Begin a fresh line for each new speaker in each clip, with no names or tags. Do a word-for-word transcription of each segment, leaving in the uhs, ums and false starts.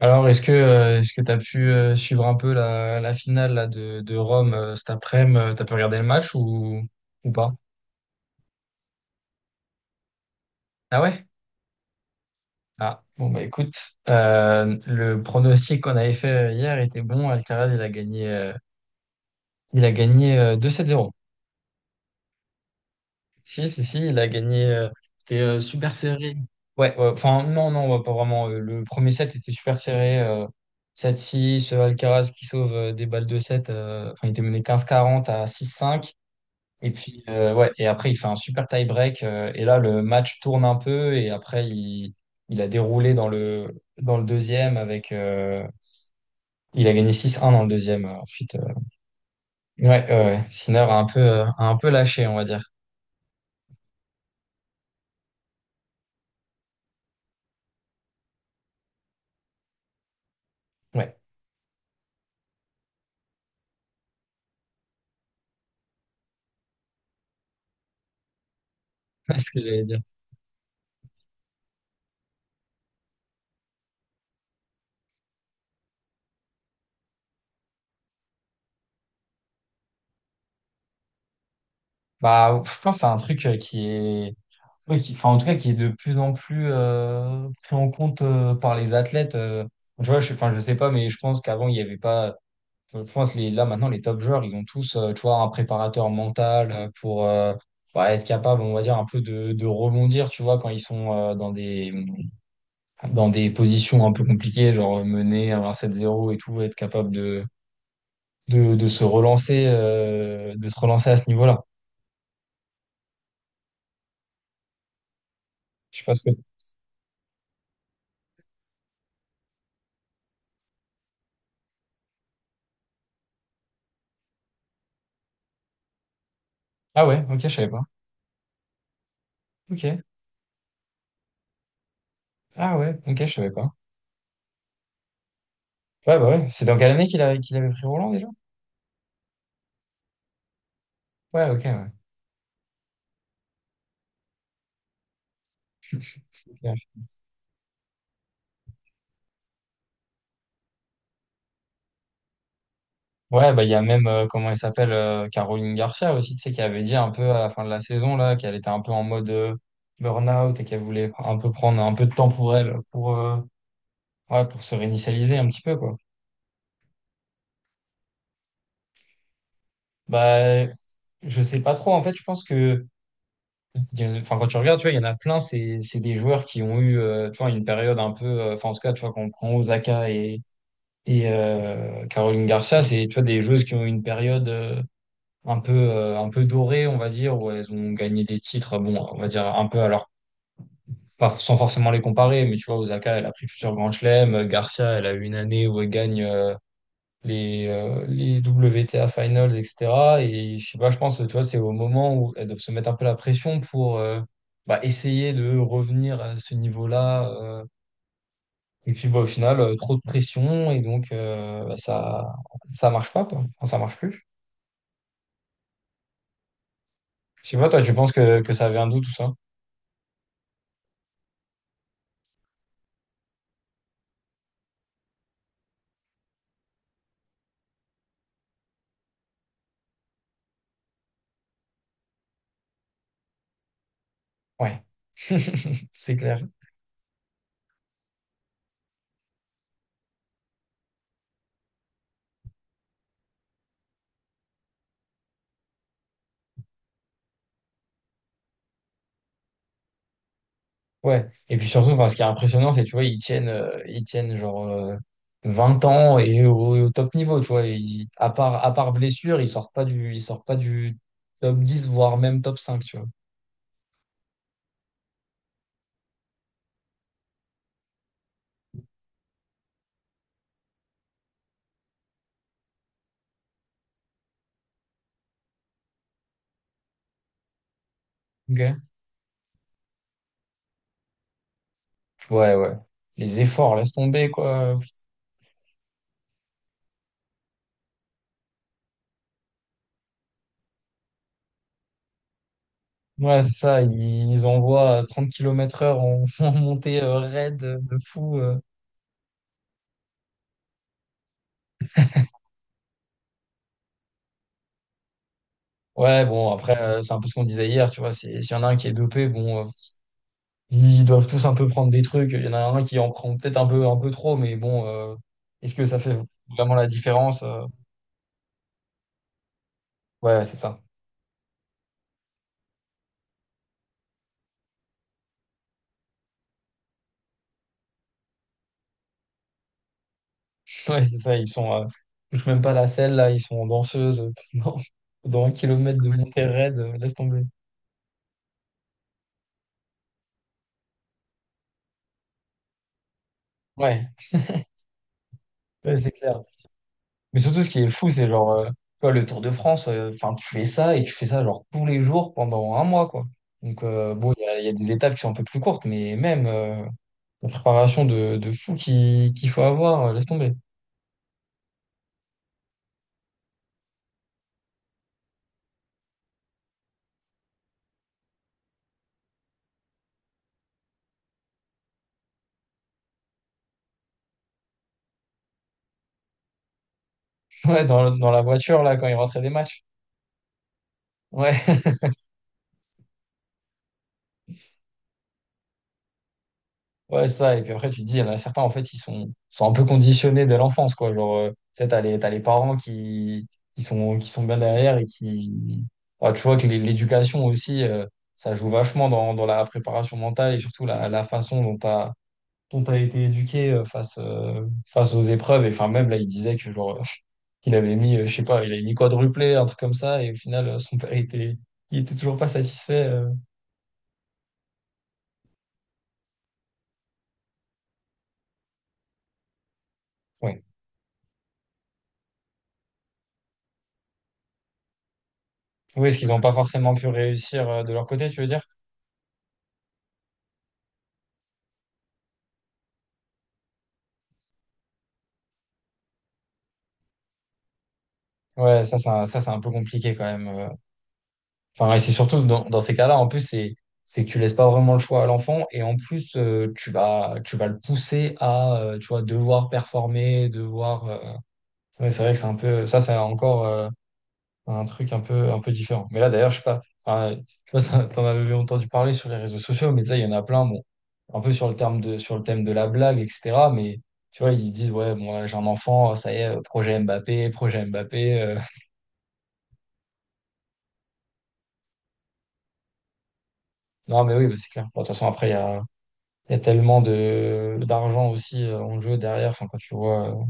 Alors, est-ce que euh, est-ce que tu as pu euh, suivre un peu la, la finale là, de, de Rome, euh, cet après-midi? euh, T'as pu regarder le match ou, ou pas? Ah ouais? Ah, bon, bah écoute, euh, le pronostic qu'on avait fait, euh, hier était bon. Alcaraz, il a gagné, euh, il a gagné euh, deux sept-zéro. Si, si, si, il a gagné. euh, c'était euh, super serré. Ouais, ouais, enfin, non, non, ouais, pas vraiment. Euh, Le premier set était super serré. euh, sept six, euh, Alcaraz qui sauve euh, des balles de sept. euh, Enfin, il était mené quinze quarante à six cinq. Et puis, euh, ouais, et après, il fait un super tie-break. Euh, et là, le match tourne un peu. Et après, il, il a déroulé dans le, dans le deuxième avec. Euh, il a gagné six un dans le deuxième. euh, Ensuite, euh, ouais, ouais, ouais. Sinner a un peu, euh, a un peu lâché, on va dire. Ouais, c'est ce que j'allais dire. Bah, je pense que c'est un truc euh, qui est. Oui, qui, enfin, en tout cas, qui est de plus en plus euh, pris en compte euh, par les athlètes. euh. Tu vois, je, enfin, je sais pas, mais je pense qu'avant, il n'y avait pas. Euh, Je pense que les, là, maintenant, les top joueurs, ils ont tous, euh, tu vois, un préparateur mental euh, pour, euh, bah, être capable, on va dire, un peu de, de rebondir, tu vois, quand ils sont euh, dans des, dans des positions un peu compliquées, genre euh, mener à un sept zéro et tout, être capable de, de, de se relancer, euh, de se relancer à ce niveau-là. Je sais pas ce que... Ah ouais, ok, je savais pas. Ok. Ah ouais, ok, je savais pas. Ouais, bah ouais. C'est dans quelle année qu'il a, qu'il avait pris Roland déjà? Ouais, ok, ouais. Ok. Ouais, bah, il y a même, euh, comment elle s'appelle, euh, Caroline Garcia aussi, tu sais, qui avait dit un peu à la fin de la saison, là, qu'elle était un peu en mode euh, burn-out et qu'elle voulait un peu prendre un peu de temps pour elle, pour, euh, ouais, pour se réinitialiser un petit peu, quoi. Bah, je sais pas trop, en fait, je pense que il y en a- enfin, quand tu regardes, tu vois, il y en a plein, c'est, c'est des joueurs qui ont eu, euh, tu vois, une période un peu, euh, enfin, en tout cas, tu vois, quand on prend Osaka et, et euh, Caroline Garcia, c'est, tu vois, des joueuses qui ont eu une période. euh, un peu, euh, un peu dorées, on va dire, où elles ont gagné des titres, bon, on va dire un peu, alors, pas, sans forcément les comparer, mais tu vois, Osaka, elle a pris plusieurs grands chelems, euh, Garcia, elle a eu une année où elle gagne euh, les, euh, les W T A Finals, et cetera. Et je sais pas, je pense, tu vois, c'est au moment où elles doivent se mettre un peu la pression pour euh, bah, essayer de revenir à ce niveau-là. euh. Et puis, bah, au final, euh, trop de pression, et donc, euh, bah, ça, ça marche pas, quoi. Enfin, ça marche plus. Je sais pas, toi, tu penses que, que ça avait un doute, tout ça? Ouais, c'est clair. Ouais. Et puis surtout, enfin, ce qui est impressionnant, c'est, tu vois, ils tiennent, euh, ils tiennent genre euh, vingt ans et au, au top niveau, tu vois. Ils- à part, à part blessure, ils sortent pas du, ils sortent pas du top dix, voire même top cinq, tu vois. Ok. Ouais, ouais. Les efforts, laisse tomber, quoi. Ouais, c'est ça, ils envoient à trente kilomètres heure en, en montée euh, raide, euh, de fou. euh. Ouais, bon, après, euh, c'est un peu ce qu'on disait hier, tu vois. c'est- S'il y en a un qui est dopé, bon. euh, Ils doivent tous un peu prendre des trucs. Il y en a un qui en prend peut-être un peu, un peu trop, mais bon, euh, est-ce que ça fait vraiment la différence? Euh, ouais, c'est ça. Ouais, c'est ça. Ils sont, euh, ils touchent même pas la selle, là. Ils sont en danseuse pendant, pendant un kilomètre de montée raide. euh, Laisse tomber. Ouais, ouais, c'est clair. Mais surtout, ce qui est fou, c'est genre, euh, tu vois, le Tour de France, euh, enfin, tu fais ça et tu fais ça genre tous les jours pendant un mois, quoi. Donc, euh, bon, il y a, il y a des étapes qui sont un peu plus courtes, mais même euh, la préparation de, de fou qui- qu'il faut avoir, euh, laisse tomber. Ouais, dans, le- dans la voiture, là, quand ils rentraient des matchs. Ouais, ouais, ça. Et puis après, tu te dis, il y en a certains, en fait, ils sont, sont un peu conditionnés dès l'enfance, quoi. Genre, euh, tu sais, t'as les, t'as les parents qui, qui sont, qui sont bien derrière et qui. Ouais, tu vois que l'é- l'éducation aussi, euh, ça joue vachement dans, dans la préparation mentale, et surtout la, la façon dont t'as, dont t'as été éduqué euh, face, euh, face aux épreuves. Et enfin, même là, il disait que, genre, il avait mis, euh, je sais pas, il avait mis quadruplé, un truc comme ça. Et au final, euh, son père, il était, il était toujours pas satisfait. euh. Ouais. Oui, ce qu'ils n'ont pas forcément pu réussir euh, de leur côté, tu veux dire? Ouais, ça, c'est un, ça, c'est un peu compliqué quand même. euh. Enfin, et c'est surtout dans, dans ces cas-là, en plus, c'est, c'est que tu laisses pas vraiment le choix à l'enfant, et en plus, euh, tu vas, tu vas le pousser à, euh, tu vois, devoir performer, devoir. euh. Ouais, c'est vrai que c'est un peu, ça, c'est encore euh, un truc un peu, un peu différent. Mais là, d'ailleurs, je sais pas, enfin, je sais pas si t'en avais entendu parler sur les réseaux sociaux, mais ça, il y en a plein, bon, un peu sur le terme de, sur le thème de la blague, et cetera. Mais tu vois, ils disent, ouais, bon, là, j'ai un enfant, ça y est, euh, projet Mbappé, projet Mbappé. euh. Non, mais oui, bah, c'est clair. Bon, de toute façon, après, il y a, il y a tellement de, d'argent aussi euh, en jeu derrière, enfin, quand tu vois euh,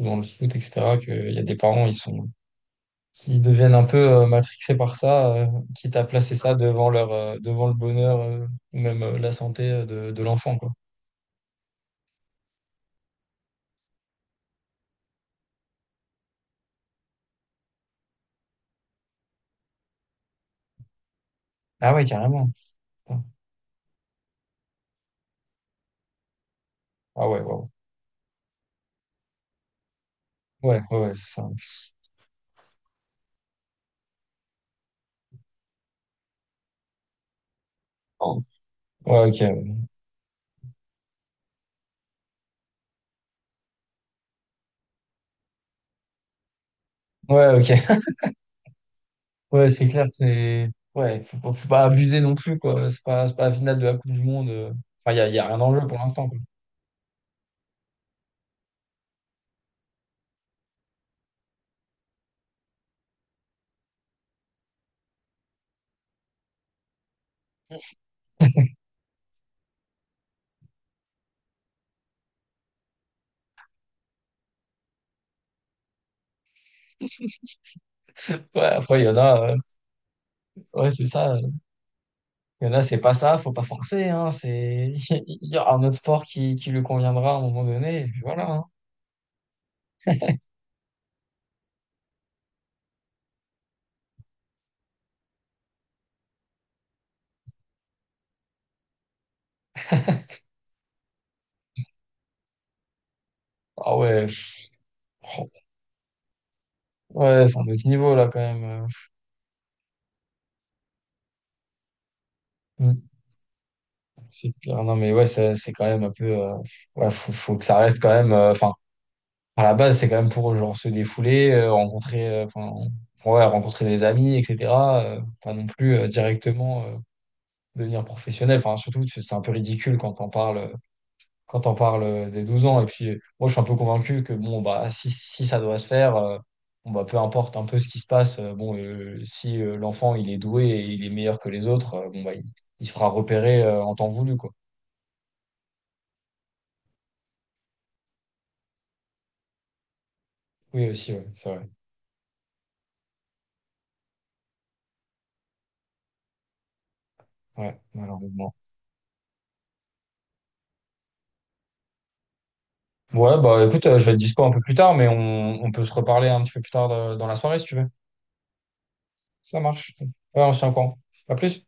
dans le foot, et cetera, qu'il y a des parents, ils sont. S'ils deviennent un peu euh, matrixés par ça, euh, quitte à placer ça devant leur, euh, devant le bonheur euh, ou même euh, la santé euh, de, de l'enfant, quoi. Ah ouais, carrément. Putain. Ah ouais, waouh. Ouais, ouais, ouais, c'est ça. Oh. Ouais, ok. Ouais, ouais, ok. Ouais, c'est clair, c'est. Ouais, faut, pas faut pas abuser non plus, quoi. C'est pas, c'est pas la finale de la Coupe du Monde. euh. Enfin, il y a, y a rien en jeu pour l'instant, quoi. Ouais, après, il y en a. euh, Ouais, c'est ça. euh. Il y en a, c'est pas ça, faut pas forcer, hein. C'est... Il y aura un autre sport qui, qui lui conviendra à un moment donné, et puis voilà, hein. Ah ouais. Ouais, c'est un autre niveau là quand même. euh. Mm. C'est clair. Non mais ouais, c'est c'est quand même un peu. Euh, ouais, faut, faut que ça reste quand même. euh, Enfin, à la base, c'est quand même pour genre se défouler, euh, rencontrer, euh, enfin, ouais, rencontrer des amis, et cetera euh, Pas non plus euh, directement euh, devenir professionnel. Enfin, surtout, c'est un peu ridicule quand on parle. quand on parle euh, des douze ans. Et puis, euh, moi, je suis un peu convaincu que, bon, bah, si, si ça doit se faire, euh, bon, bah, peu importe un peu ce qui se passe, euh, bon, euh, si euh, l'enfant, il est doué et il est meilleur que les autres, euh, bon, bah, il, il se fera repérer euh, en temps voulu, quoi. Oui, aussi, ouais, c'est vrai. Ouais, malheureusement. Ouais, bah, écoute, euh, je vais être dispo un peu plus tard, mais on, on peut se reparler un petit peu plus tard euh, dans la soirée, si tu veux. Ça marche. Ouais, on se tient au courant. À plus.